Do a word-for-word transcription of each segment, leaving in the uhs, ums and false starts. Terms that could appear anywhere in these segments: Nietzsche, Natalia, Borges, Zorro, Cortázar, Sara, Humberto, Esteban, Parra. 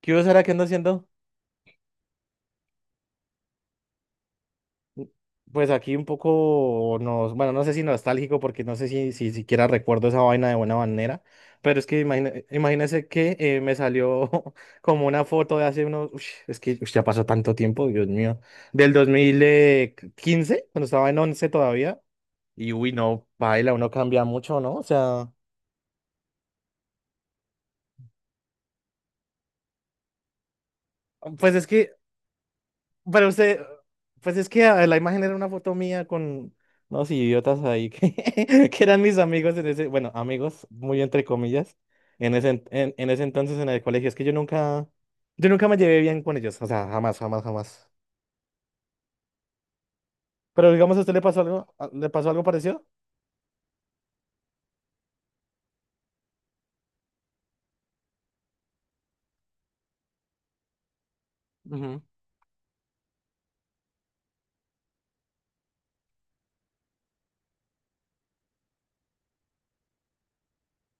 ¿Qué hubo, Sara? ¿Qué ando haciendo? Pues aquí un poco, nos, bueno, no sé si nostálgico, porque no sé si, si siquiera recuerdo esa vaina de buena manera, pero es que imagine- imagínese que eh, me salió como una foto de hace unos, ush, es que ush, ya pasó tanto tiempo, Dios mío, del dos mil quince cuando estaba en once todavía, y uy, no, baila, uno cambia mucho, ¿no? O sea, pues es que pero usted, pues es que ah, la imagen era una foto mía con unos idiotas ahí que, que eran mis amigos en ese, bueno, amigos, muy entre comillas, en ese, en, en- en ese entonces en el colegio. Es que yo nunca, yo nunca me llevé bien con ellos, o sea, jamás, jamás, jamás. Pero digamos, ¿a usted le pasó algo, a- le pasó algo parecido? Ujú.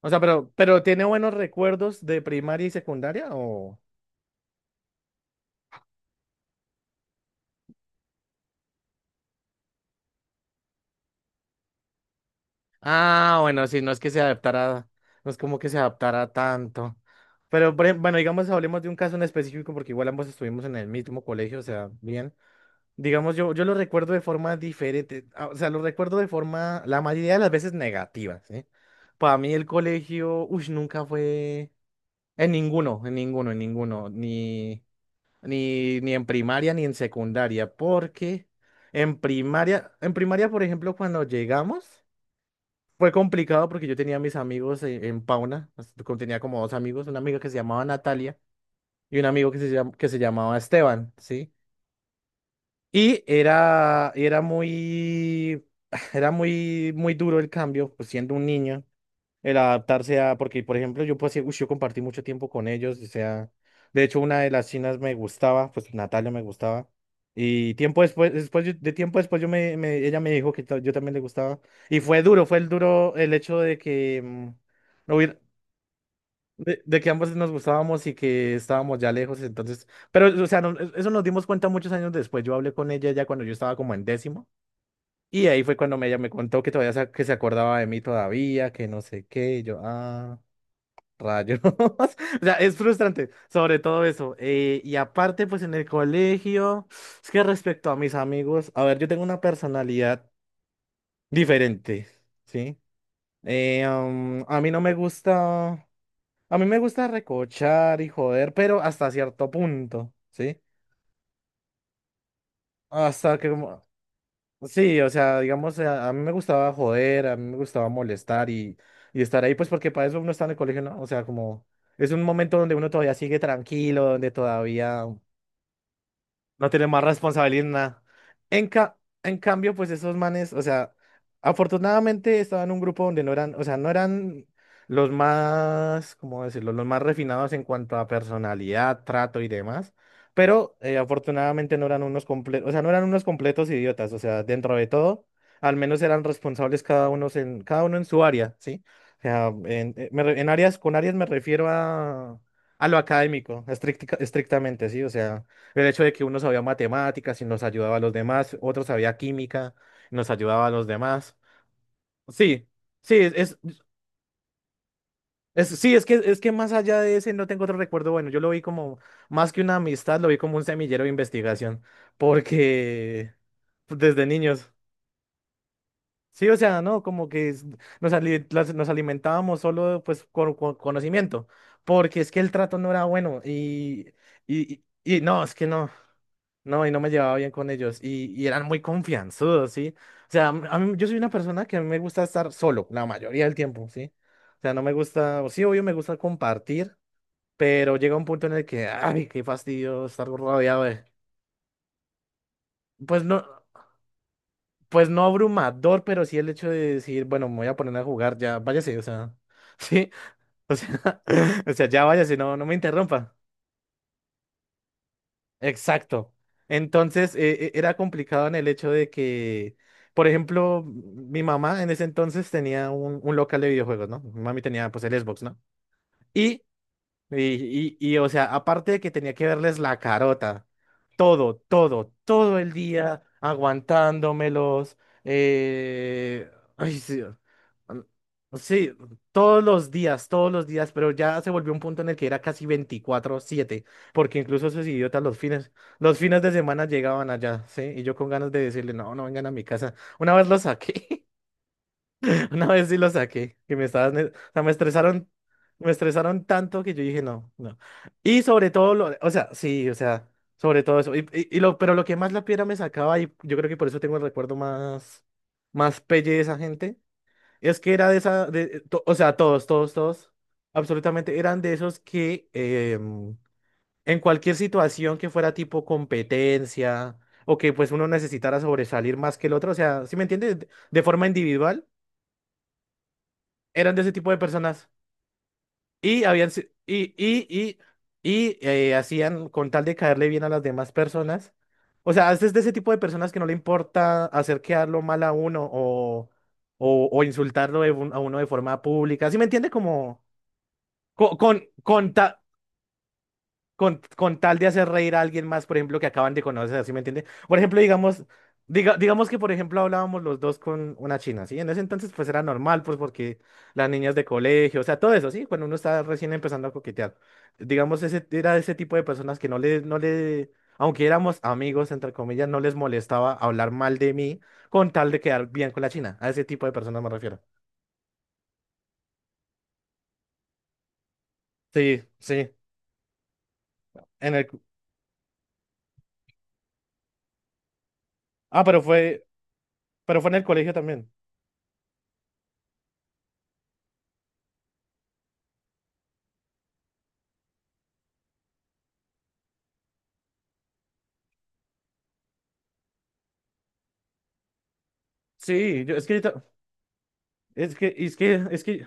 O sea, pero, pero ¿tiene buenos recuerdos de primaria y secundaria o...? Ah, bueno, sí, no es que se adaptara, no es como que se adaptara tanto. Pero, por ejem- bueno, digamos, hablemos de un caso en específico, porque igual ambos estuvimos en el mismo colegio, o sea, bien. Digamos, yo, yo lo recuerdo de forma diferente, ah, o sea, lo recuerdo de forma, la mayoría de las veces negativa, ¿sí? Para mí el colegio, uy, nunca fue, en ninguno, en ninguno, en ninguno, ni, ni, ni en primaria ni en secundaria, porque en primaria, en primaria, por ejemplo, cuando llegamos... Fue complicado porque yo tenía mis amigos e- en, Pauna, as- como tenía como dos amigos, una amiga que se llamaba Natalia y un amigo que se, llam- que se llamaba Esteban, ¿sí? Y era, era muy, era muy, muy duro el cambio, pues siendo un niño el adaptarse a, porque por ejemplo yo pues sí, uy, yo compartí mucho tiempo con ellos, o sea, de hecho una de las chinas me gustaba, pues Natalia me gustaba, y tiempo después, después yo- de tiempo después yo me, me- ella me dijo que ta- yo también le gustaba, y fue duro, fue el duro el hecho de que, mm, no hubiera- de, de que ambos nos gustábamos y que estábamos ya lejos, entonces, pero o sea, no- eso nos dimos cuenta muchos años después, yo hablé con ella ya cuando yo estaba como en décimo. Y ahí fue cuando me- ella me contó que todavía se, que se acordaba de mí todavía, que no sé qué, y yo, ah. Rayos. O sea, es frustrante, sobre todo eso. Eh, y aparte, pues en el colegio, es que respecto a mis amigos, a ver, yo tengo una personalidad diferente, ¿sí? Eh, um, a mí no me gusta, a mí me gusta recochar y joder, pero hasta cierto punto, ¿sí? Hasta que, sí, o sea, digamos, a, a mí me gustaba joder, a mí me gustaba molestar y, y estar ahí, pues porque para eso uno está en el colegio, ¿no? O sea, como es un momento donde uno todavía sigue tranquilo, donde todavía no tienen más responsabilidad en nada. En ca- en cambio, pues esos manes, o sea, afortunadamente estaban en un grupo donde no eran, o sea, no eran los más, ¿cómo decirlo? Los más refinados en cuanto a personalidad, trato y demás. Pero eh, afortunadamente no eran unos completos, o sea, no eran unos completos idiotas. O sea, dentro de todo, al menos eran responsables cada uno en, cada uno en su área, ¿sí? O sea, en, eh, me re- en áreas, con áreas me refiero a, a lo académico, estrictica- estrictamente, ¿sí? O sea. El hecho de que uno sabía matemáticas y nos ayudaba a los demás, otro sabía química y nos ayudaba a los demás. Sí, sí, es, es, es- sí, es que, es que más allá de ese no tengo otro recuerdo bueno. Yo lo vi como, más que una amistad, lo vi como un semillero de investigación, porque pues, desde niños. Sí, o sea, no, como que es- nos, ali- las- nos alimentábamos solo pues con, con conocimiento, porque es que el trato no era bueno y, y, y y no, es que no. No, y no me llevaba bien con ellos. Y, y eran muy confianzudos, ¿sí? O sea, a mí- yo soy una persona que a mí me gusta estar solo la mayoría del tiempo, ¿sí? O sea, no me gusta, o sí, obvio, me gusta compartir, pero llega un punto en el que, ay, qué fastidio estar rodeado de... Pues no, pues no abrumador, pero sí el hecho de decir, bueno, me voy a poner a jugar, ya, váyase, o sea, ¿sí? O sea, o sea, ya váyase, no, no me interrumpa. Exacto. Entonces, eh, eh, era complicado en el hecho de que, por ejemplo, mi mamá en ese entonces tenía un, un local de videojuegos, ¿no? Mi mami tenía pues el Xbox, ¿no? Y y, y, y, o sea, aparte de que tenía que verles la carota, todo, todo, todo el día aguantándomelos, eh, ay, sí, mm, sí, todos los días, todos los días, pero ya se volvió un punto en el que era casi veinticuatro siete porque incluso esos idiotas los fines, los fines de semana llegaban allá, ¿sí? Y yo con ganas de decirle, no, no vengan a mi casa. Una vez los saqué. Una vez sí lo saqué, que me estaban, eh, o sea, me estresaron, me estresaron tanto que yo dije no, no. Y sobre todo, lo, o sea, sí, o sea, sobre todo eso. Y, y- y lo, pero lo que más la piedra me sacaba, y yo creo que por eso tengo el recuerdo más, más pelle de esa gente, es que era de esa, de, eh, to- o sea, todos, todos, todos, absolutamente eran de esos que em, en cualquier situación que fuera tipo competencia o que pues uno necesitara sobresalir más que el otro, o sea, ¿sí me entiendes? De forma individual eran de ese tipo de personas y habían si- y y y y eh, hacían con tal de caerle bien a las demás personas. O sea, es de ese tipo de personas que no le importa hacer quedarlo mal a uno o o, o insultarlo de un- a uno de forma pública. ¿Sí me entiende? Como co- con con, ta- con, con tal de hacer reír a alguien más, por ejemplo, que acaban de conocer, ¿sí me entiende? Por ejemplo, digamos, diga, digamos que, por ejemplo, hablábamos los dos con una china, ¿sí? En ese entonces, pues era normal, pues porque las niñas de colegio, o sea, todo eso, ¿sí? Cuando uno está recién empezando a coquetear. Digamos, ese, era ese tipo de personas que no le, no le, aunque éramos amigos, entre comillas, no les molestaba hablar mal de mí con tal de quedar bien con la china. A ese tipo de personas me refiero. Sí, sí. En el, ah, pero fue, pero fue en el colegio también. Sí, yo, es que yo ta- Es que, es que, es que,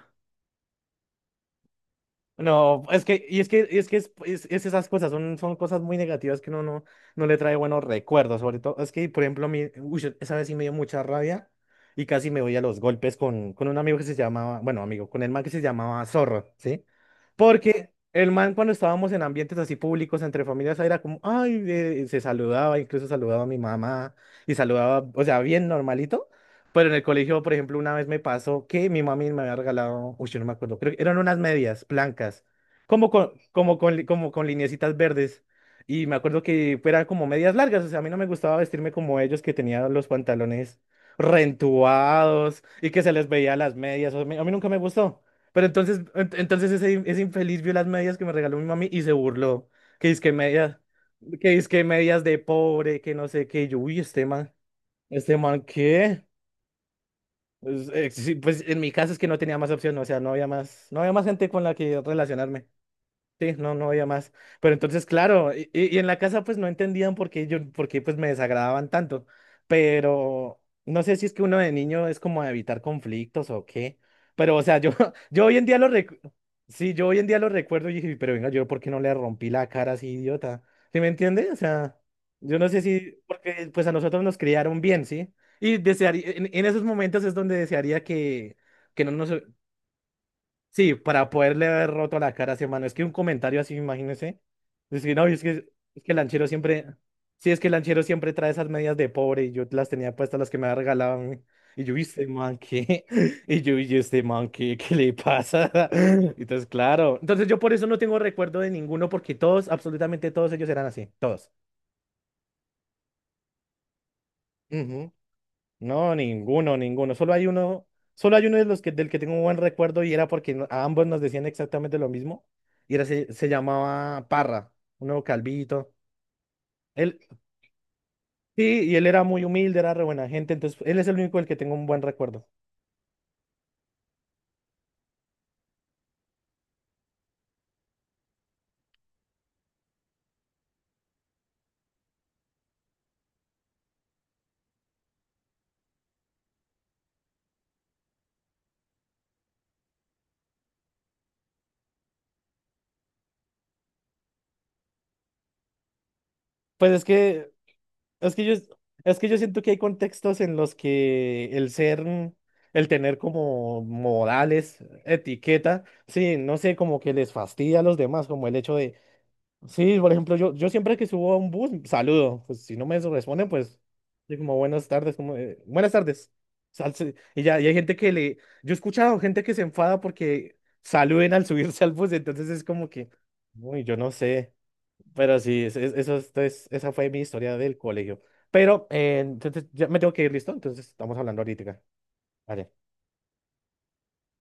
no, es que, y es que, y es que, es, es- es esas cosas son, son cosas muy negativas que uno no, no le trae buenos recuerdos, sobre todo, es que, por ejemplo, a uy, esa vez sí me dio mucha rabia y casi me voy a los golpes con, con un amigo que se llamaba, bueno, amigo, con el man que se llamaba Zorro, ¿sí? Porque el man cuando estábamos en ambientes así públicos, entre familias, era como, ay, eh, se saludaba, incluso saludaba a mi mamá y saludaba, o sea, bien normalito. Pero en el colegio, por ejemplo, una vez me pasó que mi mami me había regalado, uy, yo no me acuerdo, creo que eran unas medias blancas, como con, como con, li- como con lineecitas verdes. Y me acuerdo que eran como medias largas, o sea, a mí no me gustaba vestirme como ellos que tenían los pantalones rentuados y que se les veía las medias. O sea, a mí, a mí nunca me gustó. Pero entonces, ent- entonces ese, ese infeliz vio las medias que me regaló mi mami y se burló. Que es que medias, que es que medias de pobre, que no sé qué. Y yo, uy, este man, este man, ¿qué? Pues, eh, sí, pues en mi caso es que no tenía más opción, o sea, no había más, no había más gente con la que relacionarme. Sí, no, no había más. Pero entonces, claro, y, y- y en la casa pues no entendían por qué yo, por qué pues me desagradaban tanto. Pero no sé si es que uno de niño es como a evitar conflictos o qué. Pero, o sea, yo, yo hoy en día lo recu- sí, yo hoy en día lo recuerdo y dije, pero venga, yo por qué no le rompí la cara así, idiota. ¿Sí me entiende? O sea, yo no sé si, porque pues a nosotros nos criaron bien, ¿sí? Y desearía, en, en esos momentos es donde desearía que, que no nos sí, para poderle haber roto la cara a ese mano. Es que un comentario así, imagínese. Es que no, es que, es que el lanchero siempre. Sí, es que el lanchero siempre trae esas medias de pobre y yo las tenía puestas las que me había regalado. A mí. Y yo, "¿Y este man qué? Y yo, "¿Y este man qué? ¿Qué le pasa? Entonces, claro. Entonces, yo por eso no tengo recuerdo de ninguno, porque todos, absolutamente todos ellos eran así. Todos. No, ninguno, ninguno. Solo hay uno, solo hay uno de los que, del que tengo un buen recuerdo y era porque no- a ambos nos decían exactamente lo mismo. Y era, se, se llamaba Parra, un nuevo calvito. Él, sí, y él era muy humilde, era re buena gente, entonces él es el único del que tengo un buen recuerdo. Pues es que, es que yo, es que yo siento que hay contextos en los que el ser, mm, el tener como modales, etiqueta, sí, no sé, como que les fastidia a los demás, como el hecho de sí, por ejemplo, yo, yo siempre que subo a un bus, saludo. Pues si no me responden, pues yo como buenas tardes, como eh, buenas tardes. Sal- y ya, y hay gente que le, yo he escuchado gente que se enfada porque saluden al subirse al bus, entonces es como que, uy, yo no sé. Pero sí, es- es- eso es, es- esa fue mi historia del colegio. Pero eh, entonces ya me tengo que ir, ¿listo? Entonces estamos hablando ahorita. Vale.